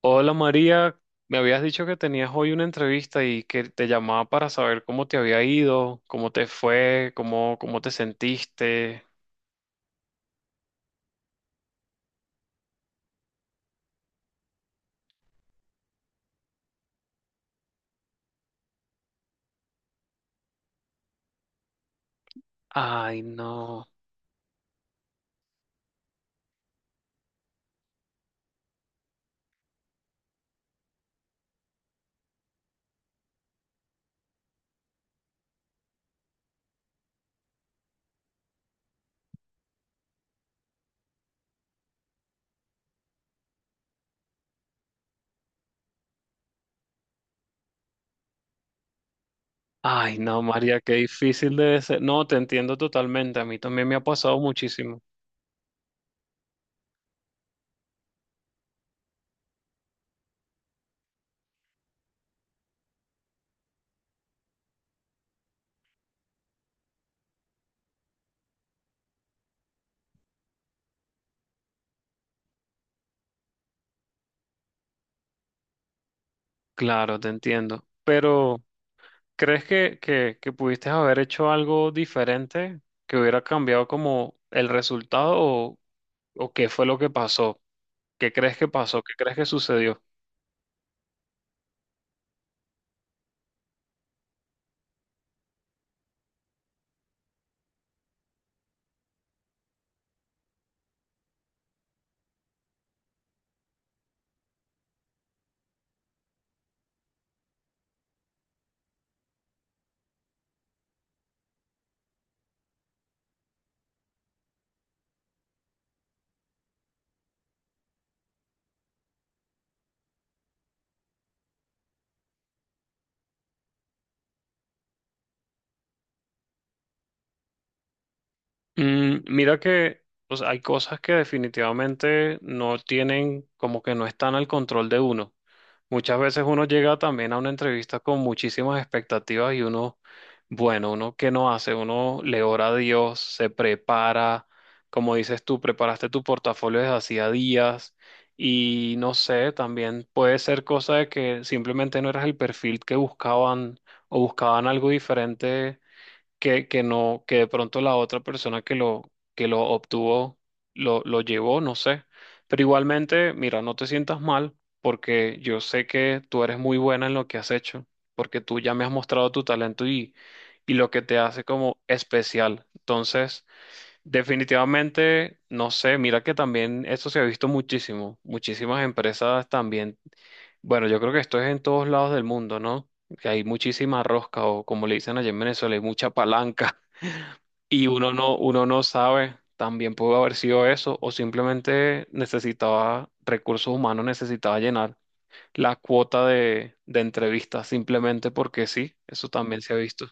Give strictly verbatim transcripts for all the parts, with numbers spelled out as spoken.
Hola María, me habías dicho que tenías hoy una entrevista y que te llamaba para saber cómo te había ido, cómo te fue, cómo, cómo te sentiste. Ay, no. Ay, no, María, qué difícil debe ser. No, te entiendo totalmente. A mí también me ha pasado muchísimo. Claro, te entiendo. Pero ¿crees que, que, que pudiste haber hecho algo diferente que hubiera cambiado como el resultado o, o qué fue lo que pasó? ¿Qué crees que pasó? ¿Qué crees que sucedió? Mm, mira que o sea, hay cosas que definitivamente no tienen, como que no están al control de uno. Muchas veces uno llega también a una entrevista con muchísimas expectativas y uno, bueno, uno qué no hace, uno le ora a Dios, se prepara, como dices tú, preparaste tu portafolio desde hacía días y no sé, también puede ser cosa de que simplemente no eras el perfil que buscaban o buscaban algo diferente que, que no, que de pronto la otra persona que lo, que lo obtuvo lo, lo llevó, no sé. Pero igualmente, mira, no te sientas mal porque yo sé que tú eres muy buena en lo que has hecho, porque tú ya me has mostrado tu talento y, y lo que te hace como especial. Entonces, definitivamente, no sé, mira que también eso se ha visto muchísimo. Muchísimas empresas también bueno, yo creo que esto es en todos lados del mundo, ¿no? Que hay muchísima rosca, o como le dicen allá en Venezuela, hay mucha palanca, y uno no, uno no sabe, también pudo haber sido eso, o simplemente necesitaba recursos humanos, necesitaba llenar la cuota de, de entrevistas, simplemente porque sí, eso también se ha visto.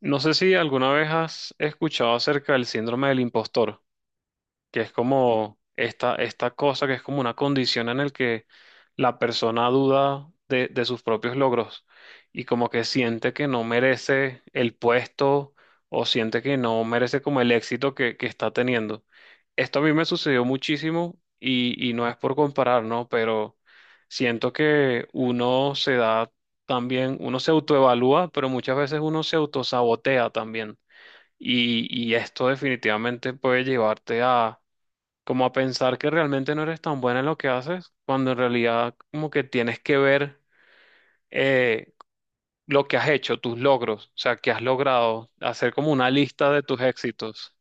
No sé si alguna vez has escuchado acerca del síndrome del impostor, que es como esta, esta cosa que es como una condición en el que la persona duda de, de sus propios logros y como que siente que no merece el puesto o siente que no merece como el éxito que, que está teniendo. Esto a mí me sucedió muchísimo y, y no es por comparar, ¿no? Pero siento que uno se da también, uno se autoevalúa, pero muchas veces uno se autosabotea también. Y, y esto definitivamente puede llevarte como a pensar que realmente no eres tan buena en lo que haces, cuando en realidad como que tienes que ver eh, lo que has hecho, tus logros, o sea, que has logrado, hacer como una lista de tus éxitos.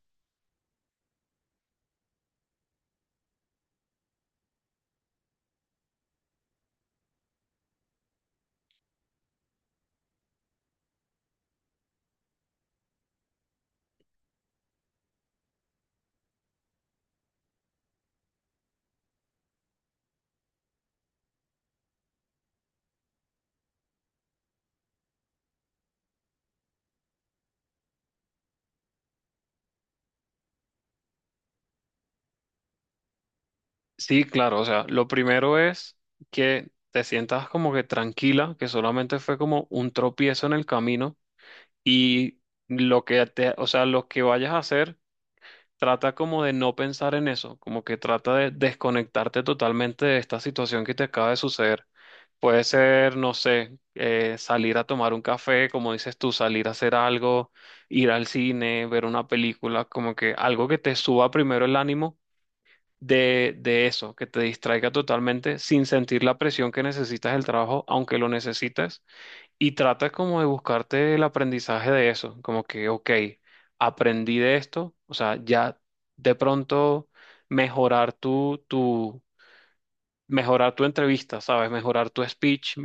Sí, claro, o sea, lo primero es que te sientas como que tranquila, que solamente fue como un tropiezo en el camino y lo que te, o sea, lo que vayas a hacer, trata como de no pensar en eso, como que trata de desconectarte totalmente de esta situación que te acaba de suceder. Puede ser, no sé, eh, salir a tomar un café, como dices tú, salir a hacer algo, ir al cine, ver una película, como que algo que te suba primero el ánimo de, de eso, que te distraiga totalmente sin sentir la presión que necesitas del trabajo, aunque lo necesites y trata como de buscarte el aprendizaje de eso, como que, ok, aprendí de esto, o sea, ya de pronto mejorar tu, tu, mejorar tu entrevista, ¿sabes? Mejorar tu speech.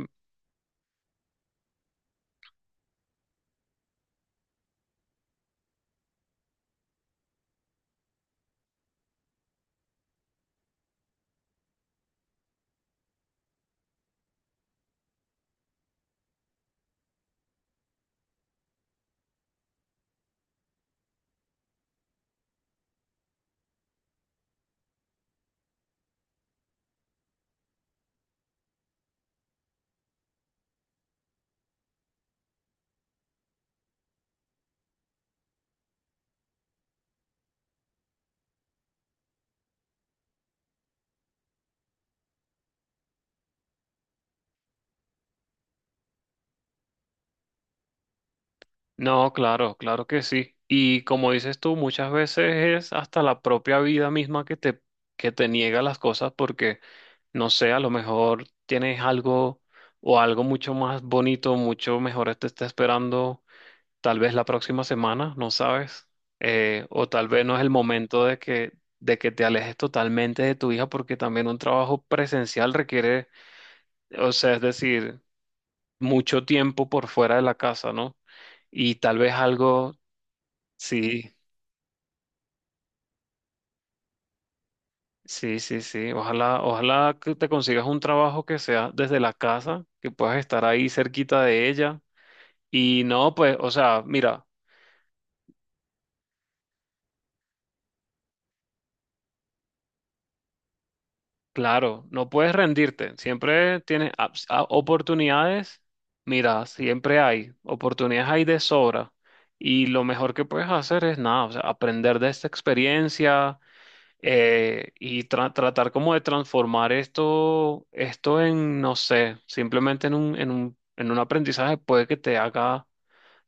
No, claro, claro que sí. Y como dices tú, muchas veces es hasta la propia vida misma que te, que te niega las cosas porque, no sé, a lo mejor tienes algo o algo mucho más bonito, mucho mejor te está esperando tal vez la próxima semana, no sabes, eh, o tal vez no es el momento de que, de que te alejes totalmente de tu hija porque también un trabajo presencial requiere, o sea, es decir, mucho tiempo por fuera de la casa, ¿no? Y tal vez algo, sí, sí, sí, sí, ojalá, ojalá que te consigas un trabajo que sea desde la casa, que puedas estar ahí cerquita de ella. Y no, pues, o sea, mira. Claro, no puedes rendirte, siempre tienes ups- a- oportunidades, mira, siempre hay, oportunidades hay de sobra y lo mejor que puedes hacer es nada, o sea, aprender de esta experiencia eh, y tra- tratar como de transformar esto, esto en, no sé, simplemente en un, en un, en un aprendizaje puede que te haga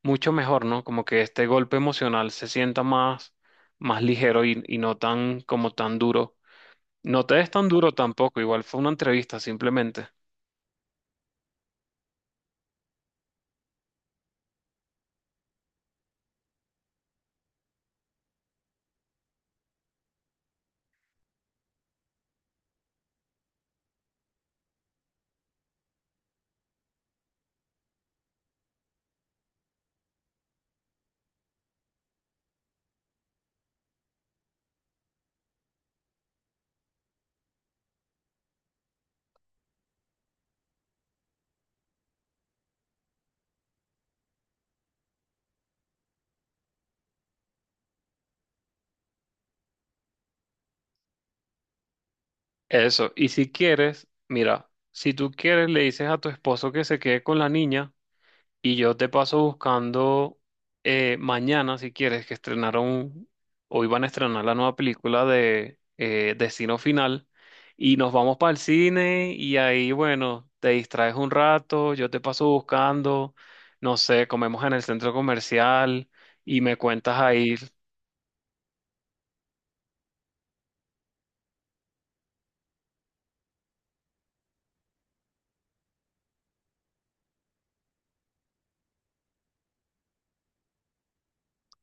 mucho mejor, ¿no? Como que este golpe emocional se sienta más, más ligero y, y no tan, como tan duro. No te des tan duro tampoco, igual fue una entrevista simplemente. Eso, y si quieres, mira, si tú quieres le dices a tu esposo que se quede con la niña y yo te paso buscando eh, mañana, si quieres, que estrenaron o iban a estrenar la nueva película de eh, Destino Final y nos vamos para el cine y ahí, bueno, te distraes un rato, yo te paso buscando, no sé, comemos en el centro comercial y me cuentas ahí.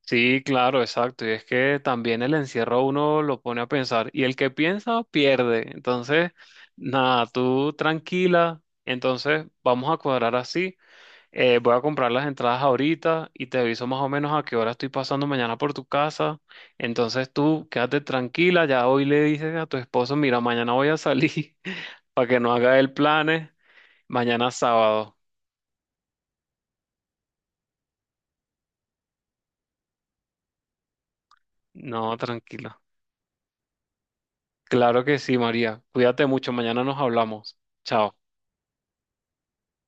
Sí, claro, exacto. Y es que también el encierro a uno lo pone a pensar. Y el que piensa, pierde. Entonces, nada, tú tranquila. Entonces, vamos a cuadrar así. Eh, voy a comprar las entradas ahorita y te aviso más o menos a qué hora estoy pasando mañana por tu casa. Entonces, tú quédate tranquila. Ya hoy le dices a tu esposo, mira, mañana voy a salir para que no haga el planes. Mañana sábado. No, tranquila. Claro que sí, María. Cuídate mucho. Mañana nos hablamos. Chao.